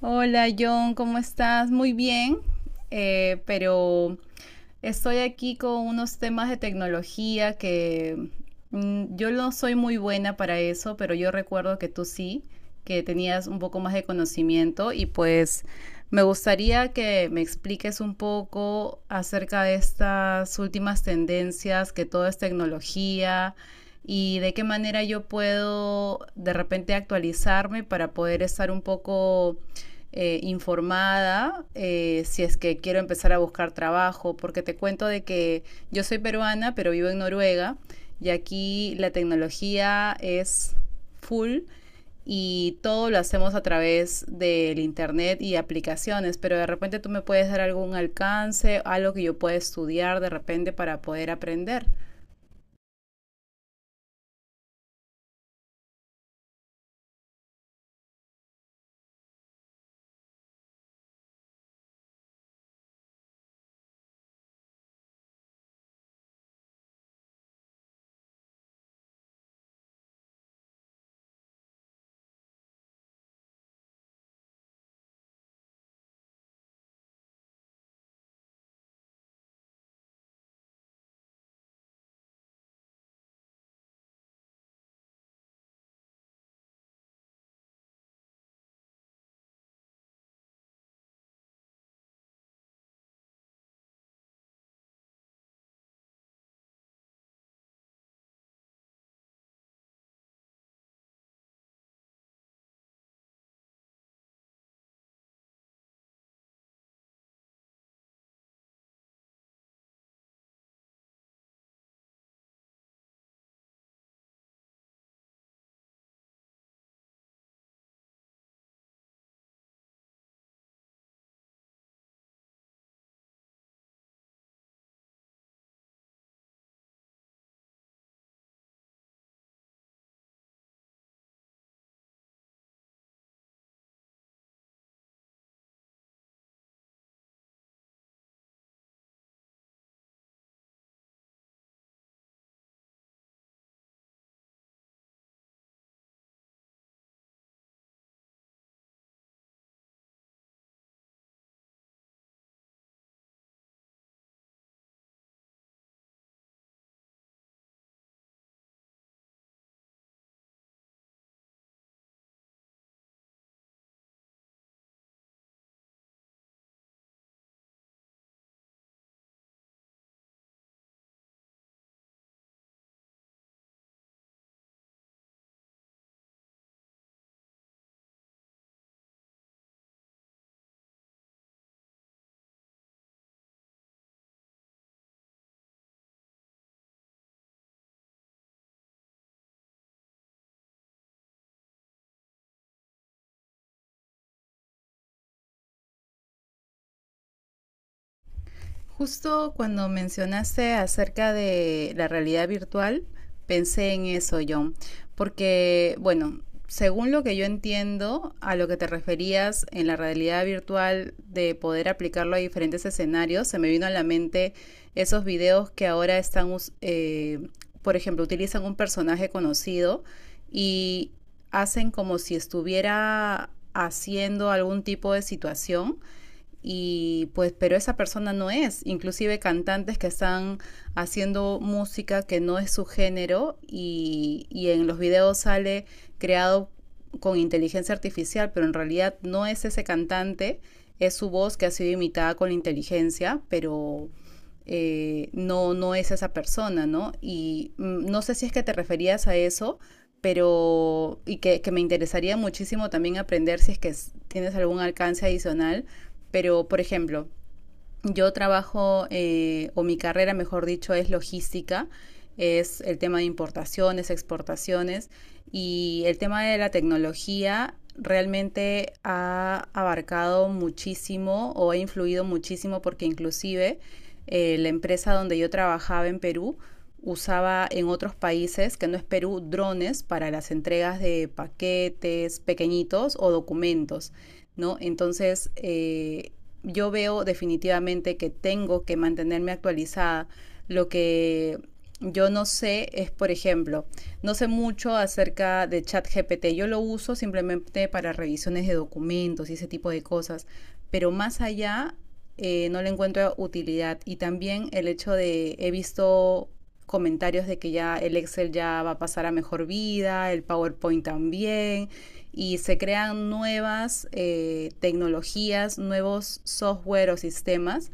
Hola John, ¿cómo estás? Muy bien, pero estoy aquí con unos temas de tecnología que yo no soy muy buena para eso, pero yo recuerdo que tú sí, que tenías un poco más de conocimiento y pues me gustaría que me expliques un poco acerca de estas últimas tendencias, que todo es tecnología y de qué manera yo puedo de repente actualizarme para poder estar un poco informada, si es que quiero empezar a buscar trabajo, porque te cuento de que yo soy peruana, pero vivo en Noruega y aquí la tecnología es full y todo lo hacemos a través del internet y aplicaciones, pero de repente tú me puedes dar algún alcance, algo que yo pueda estudiar de repente para poder aprender. Justo cuando mencionaste acerca de la realidad virtual, pensé en eso, John, porque, bueno, según lo que yo entiendo, a lo que te referías en la realidad virtual de poder aplicarlo a diferentes escenarios, se me vino a la mente esos videos que ahora están, por ejemplo, utilizan un personaje conocido y hacen como si estuviera haciendo algún tipo de situación y pues pero esa persona no es, inclusive cantantes que están haciendo música que no es su género y en los videos sale creado con inteligencia artificial, pero en realidad no es ese cantante, es su voz que ha sido imitada con la inteligencia, pero no es esa persona, ¿no? Y no sé si es que te referías a eso, pero y que me interesaría muchísimo también aprender si es que tienes algún alcance adicional, pero, por ejemplo, yo trabajo, o mi carrera, mejor dicho, es logística, es el tema de importaciones, exportaciones, y el tema de la tecnología realmente ha abarcado muchísimo o ha influido muchísimo porque inclusive la empresa donde yo trabajaba en Perú usaba en otros países, que no es Perú, drones para las entregas de paquetes pequeñitos o documentos, ¿no? Entonces, yo veo definitivamente que tengo que mantenerme actualizada. Lo que yo no sé es, por ejemplo, no sé mucho acerca de ChatGPT. Yo lo uso simplemente para revisiones de documentos y ese tipo de cosas, pero más allá no le encuentro utilidad. Y también el hecho de, he visto comentarios de que ya el Excel ya va a pasar a mejor vida, el PowerPoint también, y se crean nuevas tecnologías, nuevos software o sistemas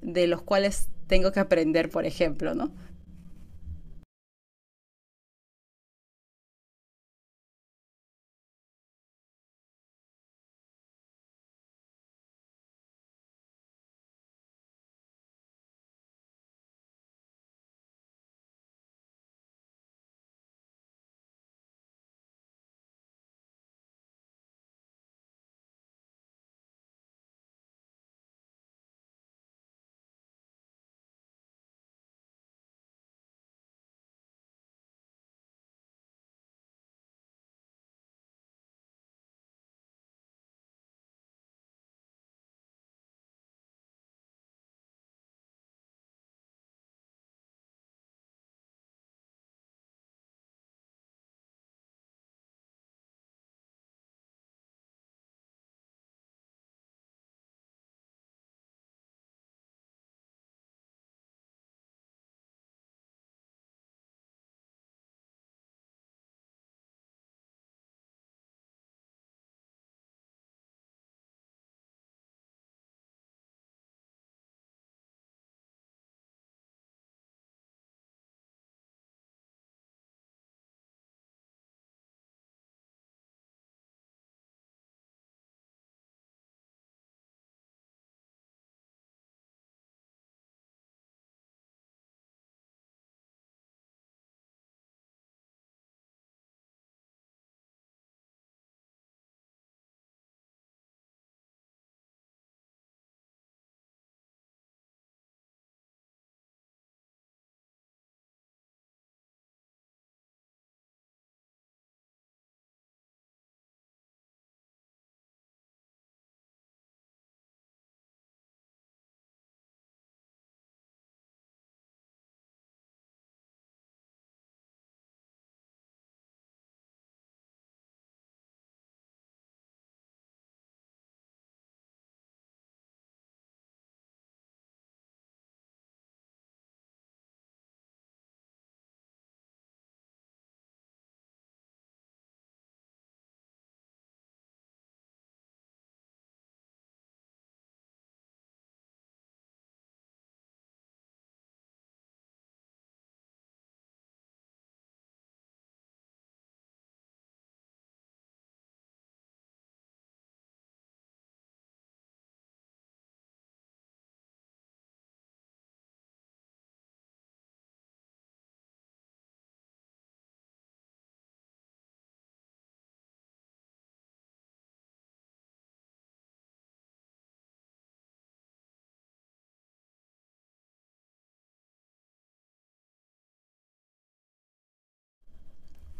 de los cuales tengo que aprender, por ejemplo, ¿no?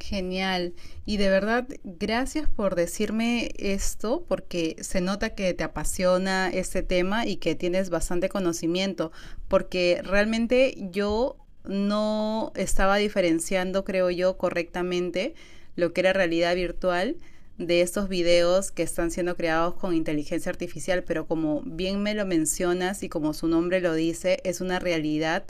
Genial. Y de verdad, gracias por decirme esto, porque se nota que te apasiona este tema y que tienes bastante conocimiento, porque realmente yo no estaba diferenciando, creo yo, correctamente lo que era realidad virtual de estos videos que están siendo creados con inteligencia artificial, pero como bien me lo mencionas y como su nombre lo dice, es una realidad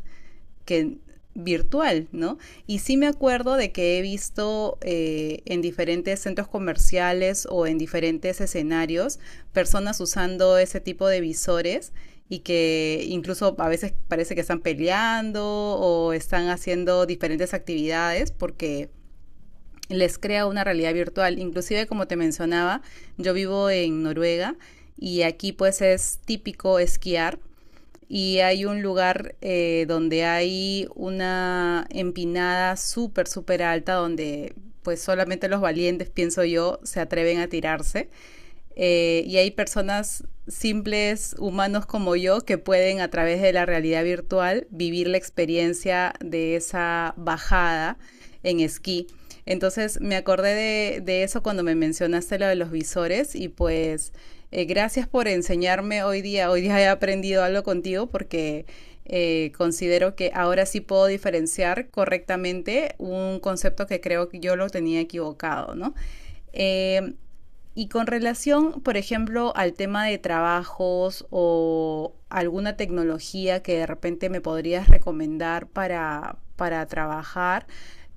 que virtual, ¿no? Y sí me acuerdo de que he visto en diferentes centros comerciales o en diferentes escenarios personas usando ese tipo de visores y que incluso a veces parece que están peleando o están haciendo diferentes actividades porque les crea una realidad virtual. Inclusive, como te mencionaba, yo vivo en Noruega y aquí pues es típico esquiar y hay un lugar donde hay una empinada súper, súper alta donde pues solamente los valientes, pienso yo, se atreven a tirarse, y hay personas simples, humanos como yo, que pueden a través de la realidad virtual vivir la experiencia de esa bajada en esquí. Entonces me acordé de eso cuando me mencionaste lo de los visores y pues gracias por enseñarme hoy día. Hoy día he aprendido algo contigo porque considero que ahora sí puedo diferenciar correctamente un concepto que creo que yo lo tenía equivocado, ¿no? Eh, y con relación, por ejemplo, al tema de trabajos o alguna tecnología que de repente me podrías recomendar para trabajar,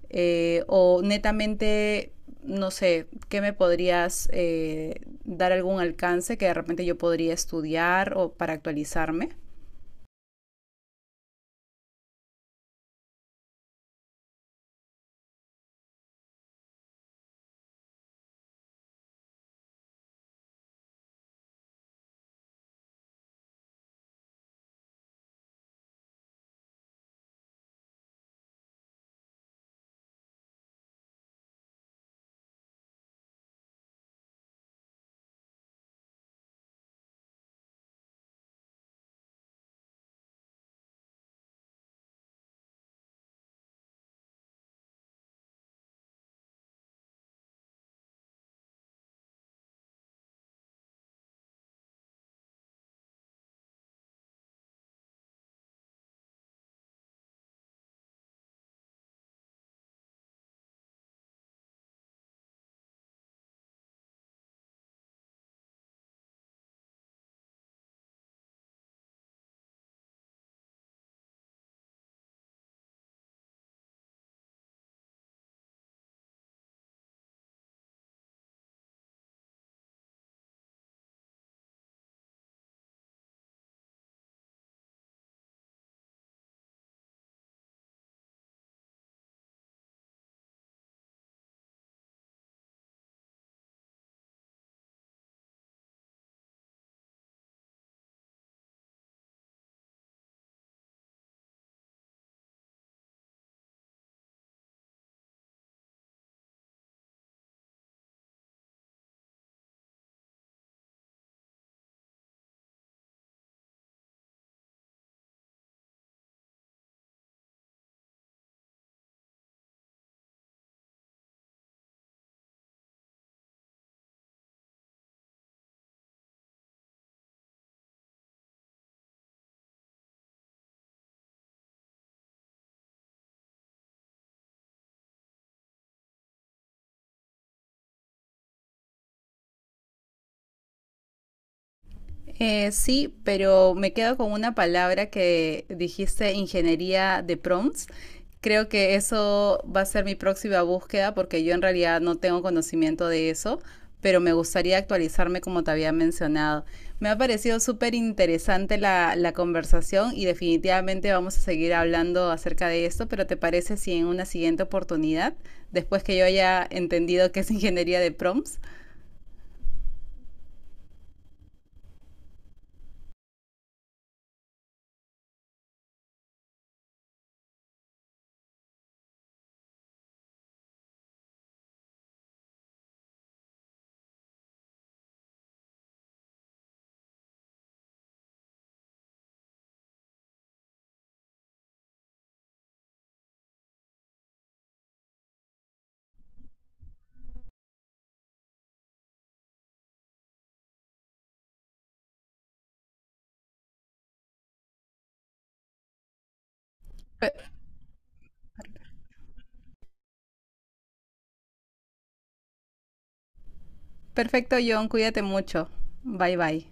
o netamente, no sé, ¿qué me podrías dar algún alcance que de repente yo podría estudiar o para actualizarme? Sí, pero me quedo con una palabra que dijiste, ingeniería de prompts. Creo que eso va a ser mi próxima búsqueda porque yo en realidad no tengo conocimiento de eso, pero me gustaría actualizarme como te había mencionado. Me ha parecido súper interesante la conversación y definitivamente vamos a seguir hablando acerca de esto, pero ¿te parece si en una siguiente oportunidad, después que yo haya entendido qué es ingeniería de prompts? Pe- Perfecto, John, cuídate mucho. Bye bye.